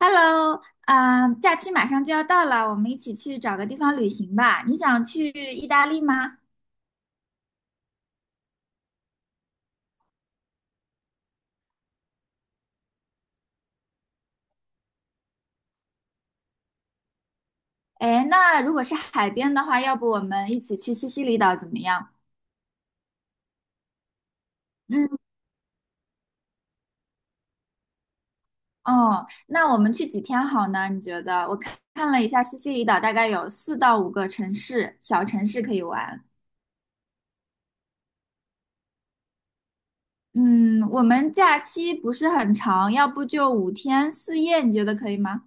Hello，啊、假期马上就要到了，我们一起去找个地方旅行吧。你想去意大利吗？哎，那如果是海边的话，要不我们一起去西西里岛怎么样？嗯，哦，那我们去几天好呢？你觉得？我看了一下，西西里岛大概有四到五个城市，小城市可以玩。嗯，我们假期不是很长，要不就五天四夜，你觉得可以吗？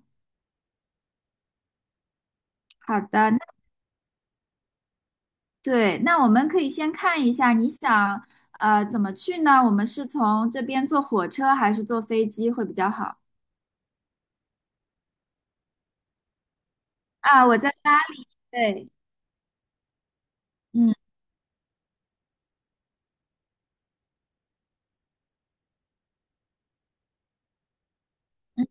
好的，对，那我们可以先看一下，你想怎么去呢？我们是从这边坐火车还是坐飞机会比较好？啊，我在巴黎。对，嗯嗯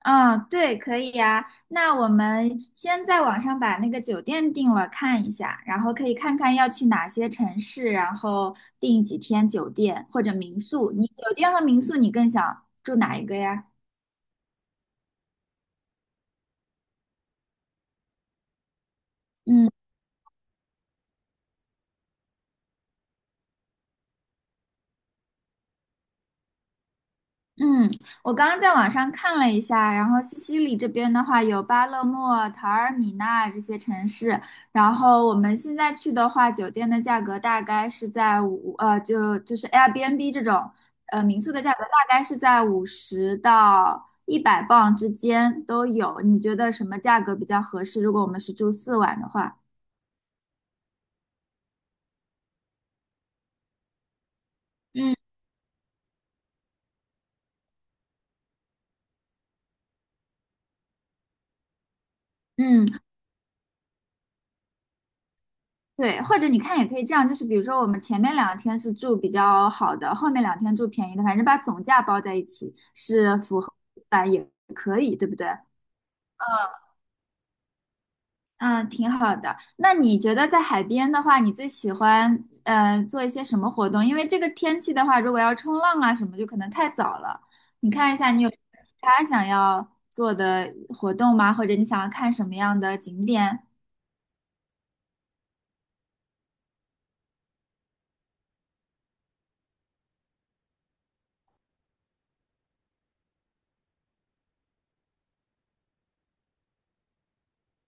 啊，对，可以呀。那我们先在网上把那个酒店定了，看一下，然后可以看看要去哪些城市，然后订几天酒店或者民宿。你酒店和民宿你更想住哪一个呀？嗯。嗯，我刚刚在网上看了一下，然后西西里这边的话有巴勒莫、陶尔米纳这些城市，然后我们现在去的话，酒店的价格大概是在五，就是 Airbnb 这种民宿的价格大概是在五十到一百磅之间都有。你觉得什么价格比较合适？如果我们是住四晚的话，嗯嗯，对，或者你看也可以这样，就是比如说我们前面两天是住比较好的，后面两天住便宜的，反正把总价包在一起是符合吧，也可以，对不对？嗯，挺好的。那你觉得在海边的话，你最喜欢嗯做一些什么活动？因为这个天气的话，如果要冲浪啊什么，就可能太早了。你看一下，你有其他想要做的活动吗？或者你想要看什么样的景点？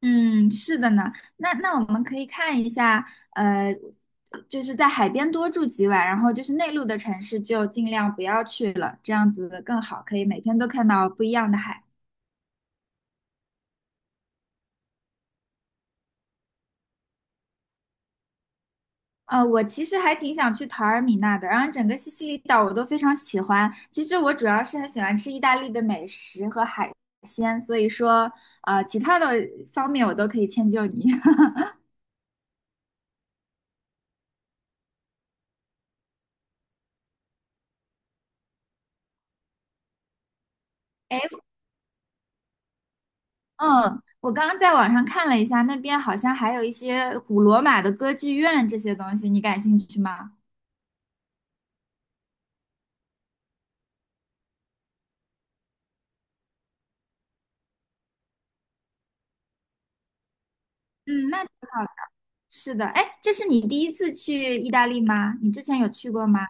嗯，是的呢。那我们可以看一下，呃，就是在海边多住几晚，然后就是内陆的城市就尽量不要去了，这样子更好，可以每天都看到不一样的海。呃，我其实还挺想去陶尔米纳的，然后整个西西里岛我都非常喜欢。其实我主要是很喜欢吃意大利的美食和海鲜，所以说，其他的方面我都可以迁就你。嗯，我刚刚在网上看了一下，那边好像还有一些古罗马的歌剧院这些东西，你感兴趣吗？嗯，那挺好的。是的，哎，这是你第一次去意大利吗？你之前有去过吗？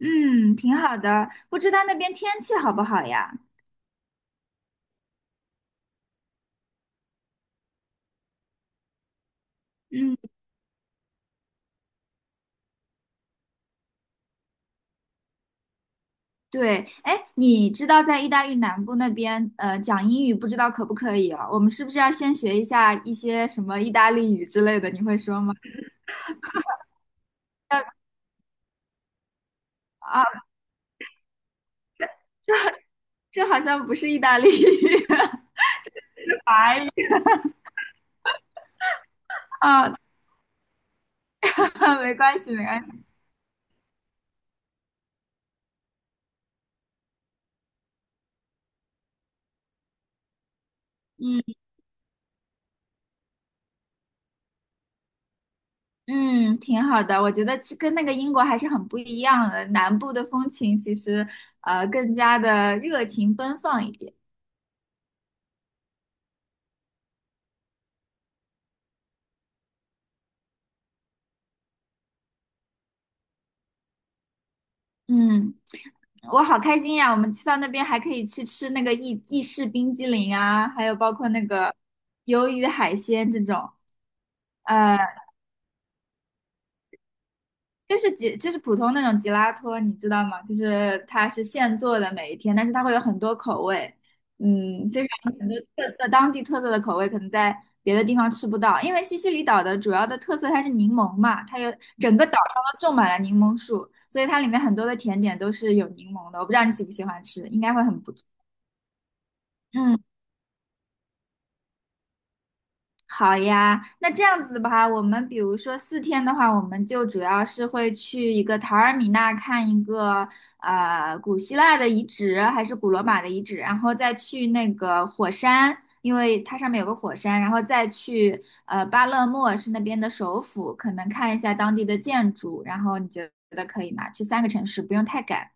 嗯，挺好的。不知道那边天气好不好呀？嗯，对。哎，你知道在意大利南部那边，讲英语不知道可不可以哦？我们是不是要先学一下一些什么意大利语之类的？你会说吗？啊，这好像不是意大利语。啊，没关系，没关系。嗯嗯，挺好的。我觉得这跟那个英国还是很不一样的，南部的风情其实更加的热情奔放一点。嗯，我好开心呀！我们去到那边还可以去吃那个意式冰激凌啊，还有包括那个鱿鱼海鲜这种。呃。就是吉，就是普通那种吉拉托，你知道吗？就是它是现做的每一天，但是它会有很多口味，嗯，非常很多特色，当地特色的口味可能在别的地方吃不到，因为西西里岛的主要的特色它是柠檬嘛，它有整个岛上都种满了柠檬树，所以它里面很多的甜点都是有柠檬的，我不知道你喜不喜欢吃，应该会很不错。嗯。好呀，那这样子的话，我们比如说四天的话，我们就主要是会去一个塔尔米纳看一个古希腊的遗址，还是古罗马的遗址，然后再去那个火山，因为它上面有个火山，然后再去巴勒莫是那边的首府，可能看一下当地的建筑，然后你觉得可以吗？去三个城市，不用太赶。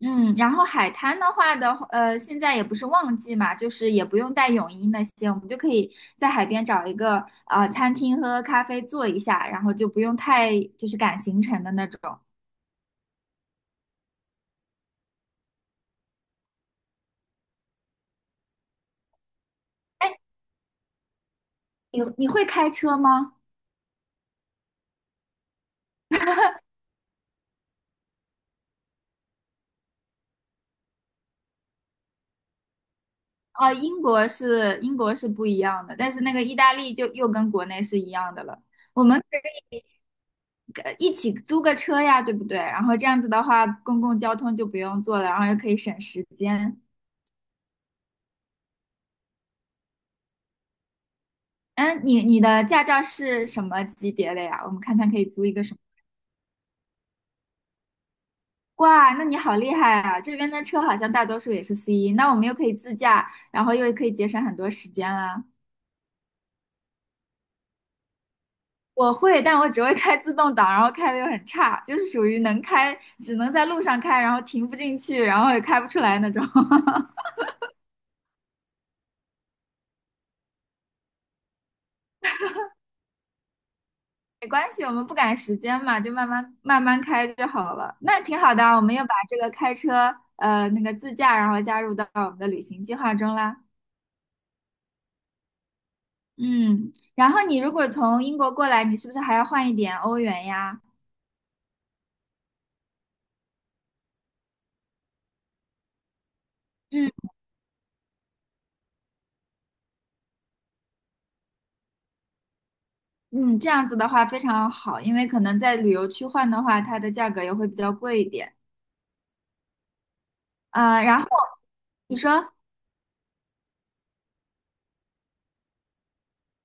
嗯，然后海滩的话的，现在也不是旺季嘛，就是也不用带泳衣那些，我们就可以在海边找一个餐厅喝喝咖啡坐一下，然后就不用太就是赶行程的那种。哎，你会开车吗？哦，英国是不一样的，但是那个意大利就又跟国内是一样的了。我们可以一起租个车呀，对不对？然后这样子的话，公共交通就不用坐了，然后又可以省时间。嗯，你的驾照是什么级别的呀？我们看看可以租一个什么。哇，那你好厉害啊！这边的车好像大多数也是 C1，那我们又可以自驾，然后又可以节省很多时间啦。我会，但我只会开自动挡，然后开的又很差，就是属于能开，只能在路上开，然后停不进去，然后也开不出来那种。没关系，我们不赶时间嘛，就慢慢开就好了。那挺好的啊，我们又把这个开车，那个自驾，然后加入到我们的旅行计划中啦。嗯，然后你如果从英国过来，你是不是还要换一点欧元呀？嗯，嗯，这样子的话非常好，因为可能在旅游区换的话，它的价格也会比较贵一点。啊、然后你说，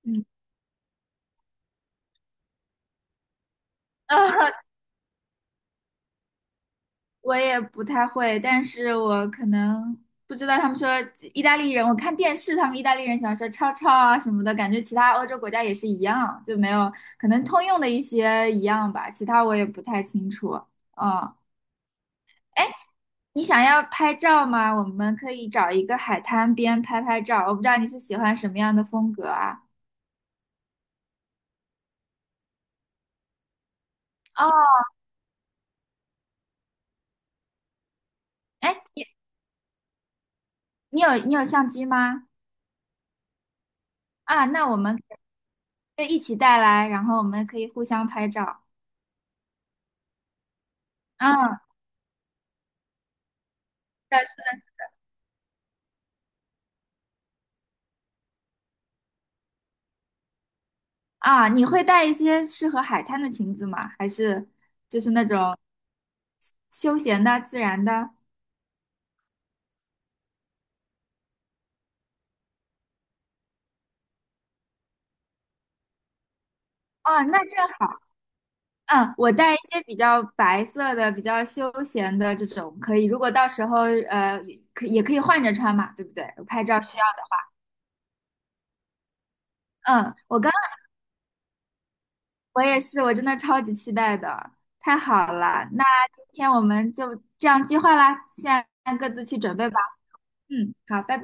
嗯，我也不太会，但是我可能不知道他们说意大利人，我看电视他们意大利人喜欢说超超啊什么的，感觉其他欧洲国家也是一样，就没有可能通用的一些一样吧，其他我也不太清楚。嗯。你想要拍照吗？我们可以找一个海滩边拍拍照。我不知道你是喜欢什么样的风格啊？哦，哎，你有相机吗？啊，那我们可以一起带来，然后我们可以互相拍照。嗯，但是的。啊，你会带一些适合海滩的裙子吗？还是就是那种休闲的、自然的？哦，那正好。嗯，我带一些比较白色的、比较休闲的这种可以，如果到时候呃可也可以换着穿嘛，对不对？拍照需要的。嗯，我也是，我真的超级期待的，太好了。那今天我们就这样计划啦，现在各自去准备吧。嗯，好，拜拜。